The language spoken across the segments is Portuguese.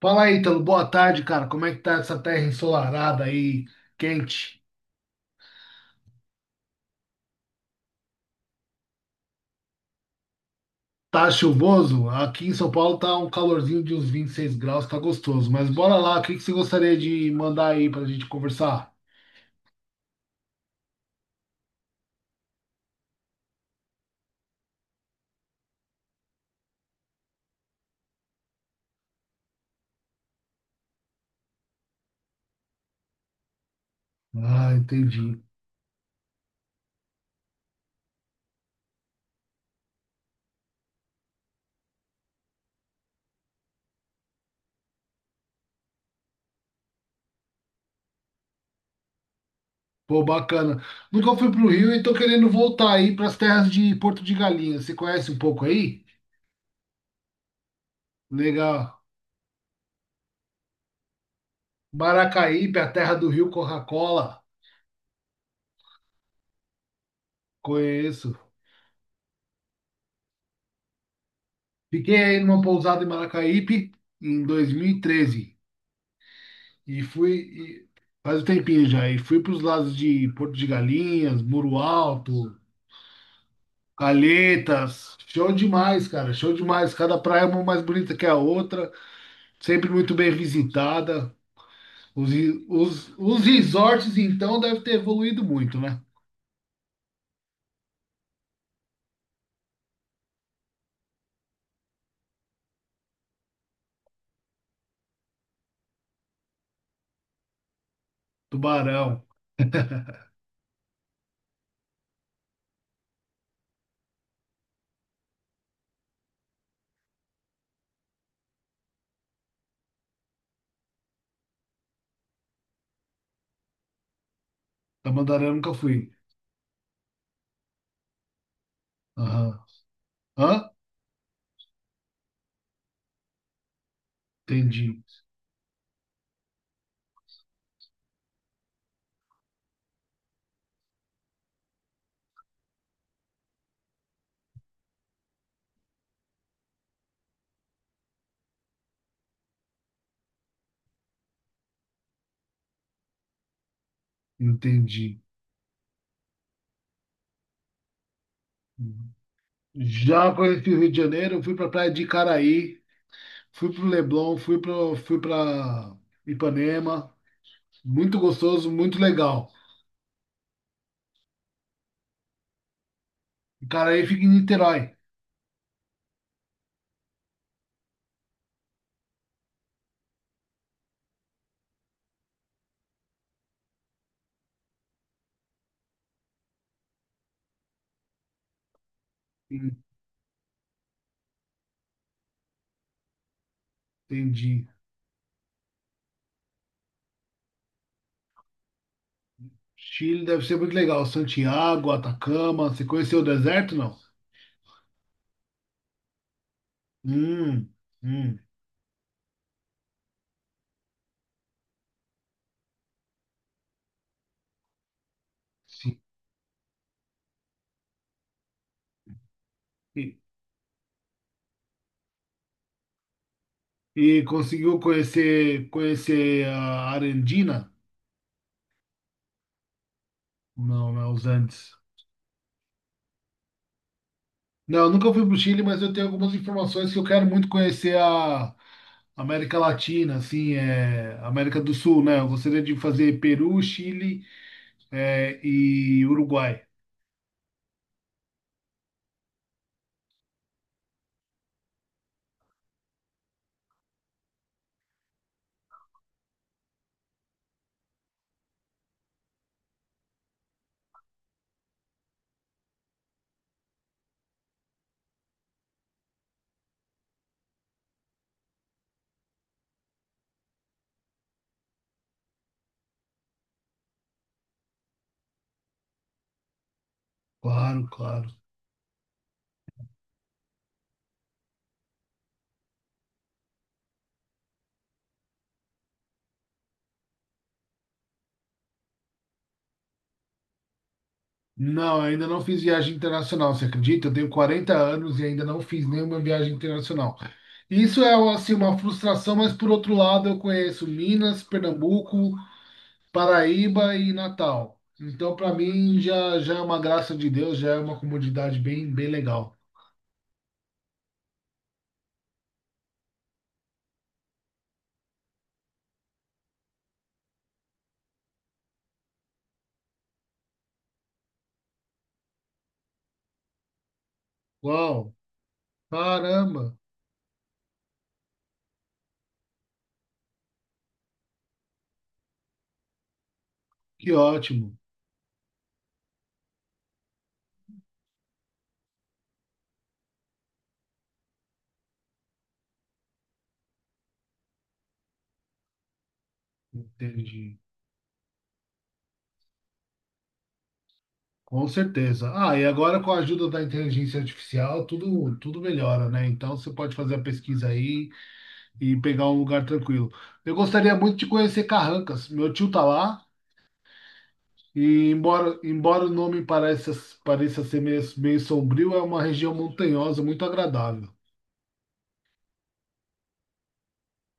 Fala aí, Ítalo. Boa tarde, cara. Como é que tá essa terra ensolarada aí, quente? Tá chuvoso? Aqui em São Paulo tá um calorzinho de uns 26 graus, tá gostoso. Mas bora lá, o que você gostaria de mandar aí pra gente conversar? Ah, entendi. Pô, bacana. Nunca fui pro Rio e tô querendo voltar aí pras terras de Porto de Galinhas. Você conhece um pouco aí? Legal. Maracaípe, a terra do Rio Coca-Cola. Conheço. Fiquei aí numa pousada em Maracaípe em 2013. E faz um tempinho já, e fui para os lados de Porto de Galinhas, Muro Alto, Calhetas. Show demais, cara, show demais. Cada praia é uma mais bonita que a outra, sempre muito bem visitada. Os resorts, então, devem ter evoluído muito, né? Tubarão. Tamandaré eu nunca fui. Aham. Hã? Entendi, entendi. Já conheci o Rio de Janeiro, eu fui para a praia de Caraí. Fui pro Leblon, fui pra Ipanema. Muito gostoso, muito legal. O cara aí fica em Niterói. Entendi. Chile deve ser muito legal. Santiago, Atacama. Você conheceu o deserto, não? Hum, hum, sim. E, e conseguiu conhecer a Arandina? Não, não é os Andes. Não, eu nunca fui para o Chile, mas eu tenho algumas informações que eu quero muito conhecer a América Latina, assim, é, América do Sul, né? Eu gostaria de fazer Peru, Chile, é, e Uruguai. Claro, claro. Não, eu ainda não fiz viagem internacional, você acredita? Eu tenho 40 anos e ainda não fiz nenhuma viagem internacional. Isso é assim, uma frustração, mas por outro lado eu conheço Minas, Pernambuco, Paraíba e Natal. Então, para mim, já, já é uma graça de Deus, já é uma comunidade bem, bem legal. Uau, caramba, que ótimo. Entendi. Com certeza. Ah, e agora com a ajuda da inteligência artificial, tudo, tudo melhora, né? Então você pode fazer a pesquisa aí e pegar um lugar tranquilo. Eu gostaria muito de conhecer Carrancas. Meu tio tá lá e embora o nome pareça, pareça ser meio sombrio, é uma região montanhosa muito agradável.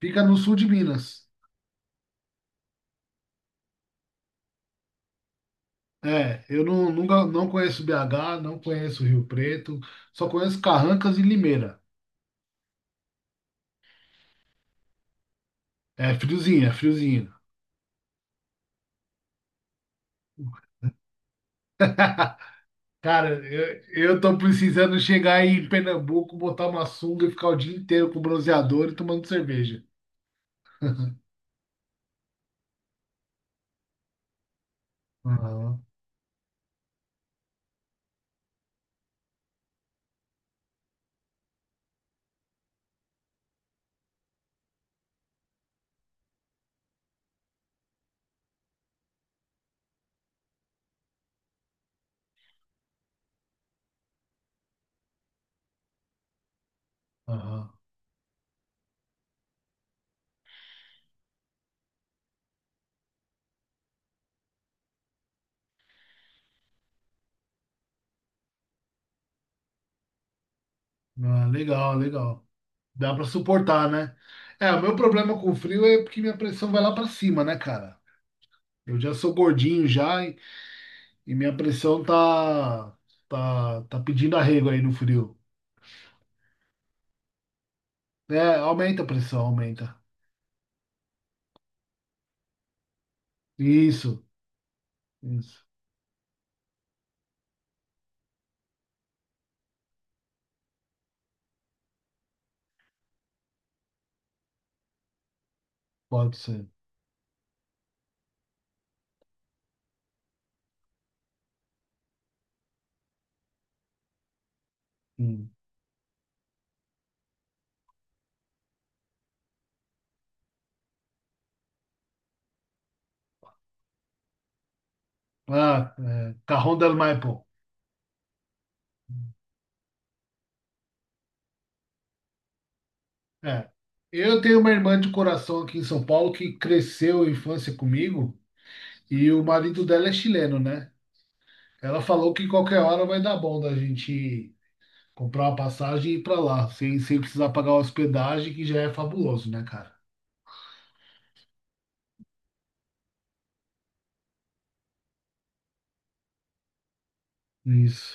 Fica no sul de Minas. É, eu não, nunca, não conheço BH, não conheço Rio Preto, só conheço Carrancas e Limeira. É friozinho, é friozinho. Cara, eu tô precisando chegar aí em Pernambuco, botar uma sunga e ficar o dia inteiro com bronzeador e tomando cerveja. Aham, aham. Ah, legal, legal. Dá pra suportar, né? É, o meu problema com o frio é porque minha pressão vai lá pra cima, né, cara? Eu já sou gordinho já. E minha pressão tá pedindo arrego aí no frio. É, aumenta a pressão, aumenta. Isso, isso, pode ser. Hum. Ah, é, Cajón del Maipo. É. Eu tenho uma irmã de coração aqui em São Paulo que cresceu a infância comigo e o marido dela é chileno, né? Ela falou que qualquer hora vai dar bom da gente comprar uma passagem e ir pra lá, sem precisar pagar hospedagem, que já é fabuloso, né, cara? Isso,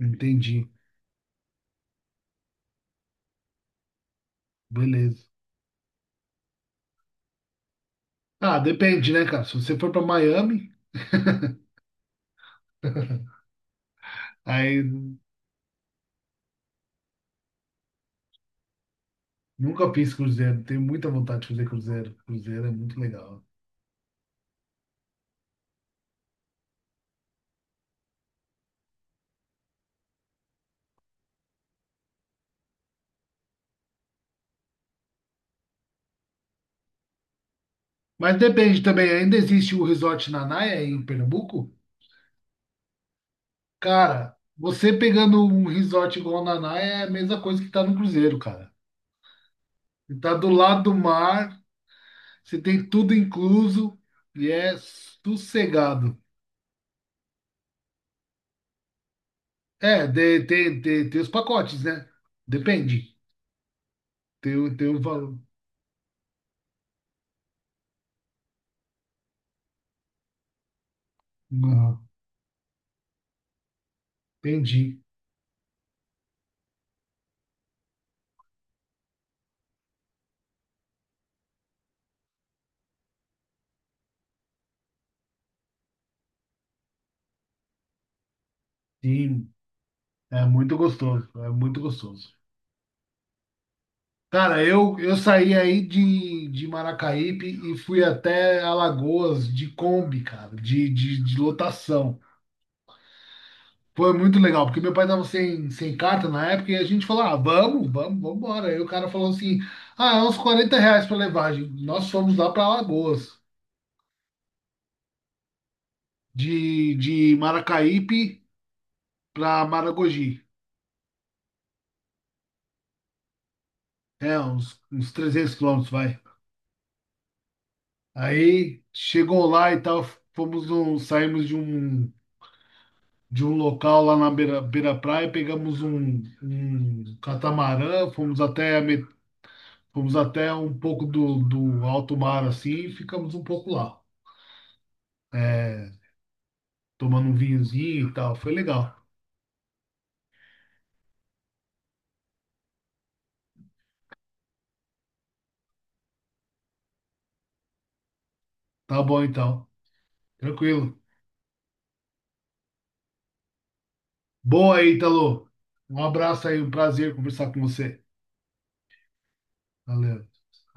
entendi. Beleza. Ah, depende, né, cara? Se você for pra Miami, aí nunca fiz cruzeiro. Tenho muita vontade de fazer cruzeiro. Cruzeiro é muito legal. Mas depende também. Ainda existe o Resort Nanaia aí em Pernambuco? Cara, você pegando um resort igual o Nanaia é a mesma coisa que tá no cruzeiro, cara. Você tá do lado do mar, você tem tudo incluso e é sossegado. É, de- tem os pacotes, né? Depende. Tem, o- tem o valor. Uhum. Entendi. Sim. É muito gostoso, é muito gostoso. Cara, eu saí aí de Maracaípe e fui até Alagoas de Kombi, cara, de lotação. Foi muito legal, porque meu pai tava sem carta na época e a gente falou, ah, vamos embora. Aí o cara falou assim, ah, é uns 40 reais pra levagem. Nós fomos lá pra Alagoas, de Maracaípe pra Maragogi. É, uns, uns 300 quilômetros, vai. Aí chegou lá e tal, fomos num, saímos de um local lá na beira, beira praia, pegamos um, um catamarã, fomos até, a met- fomos até um pouco do alto mar assim e ficamos um pouco lá, é, tomando um vinhozinho e tal. Foi legal. Tá bom então. Tranquilo. Boa aí, Italo. Um abraço aí, um prazer conversar com você. Valeu.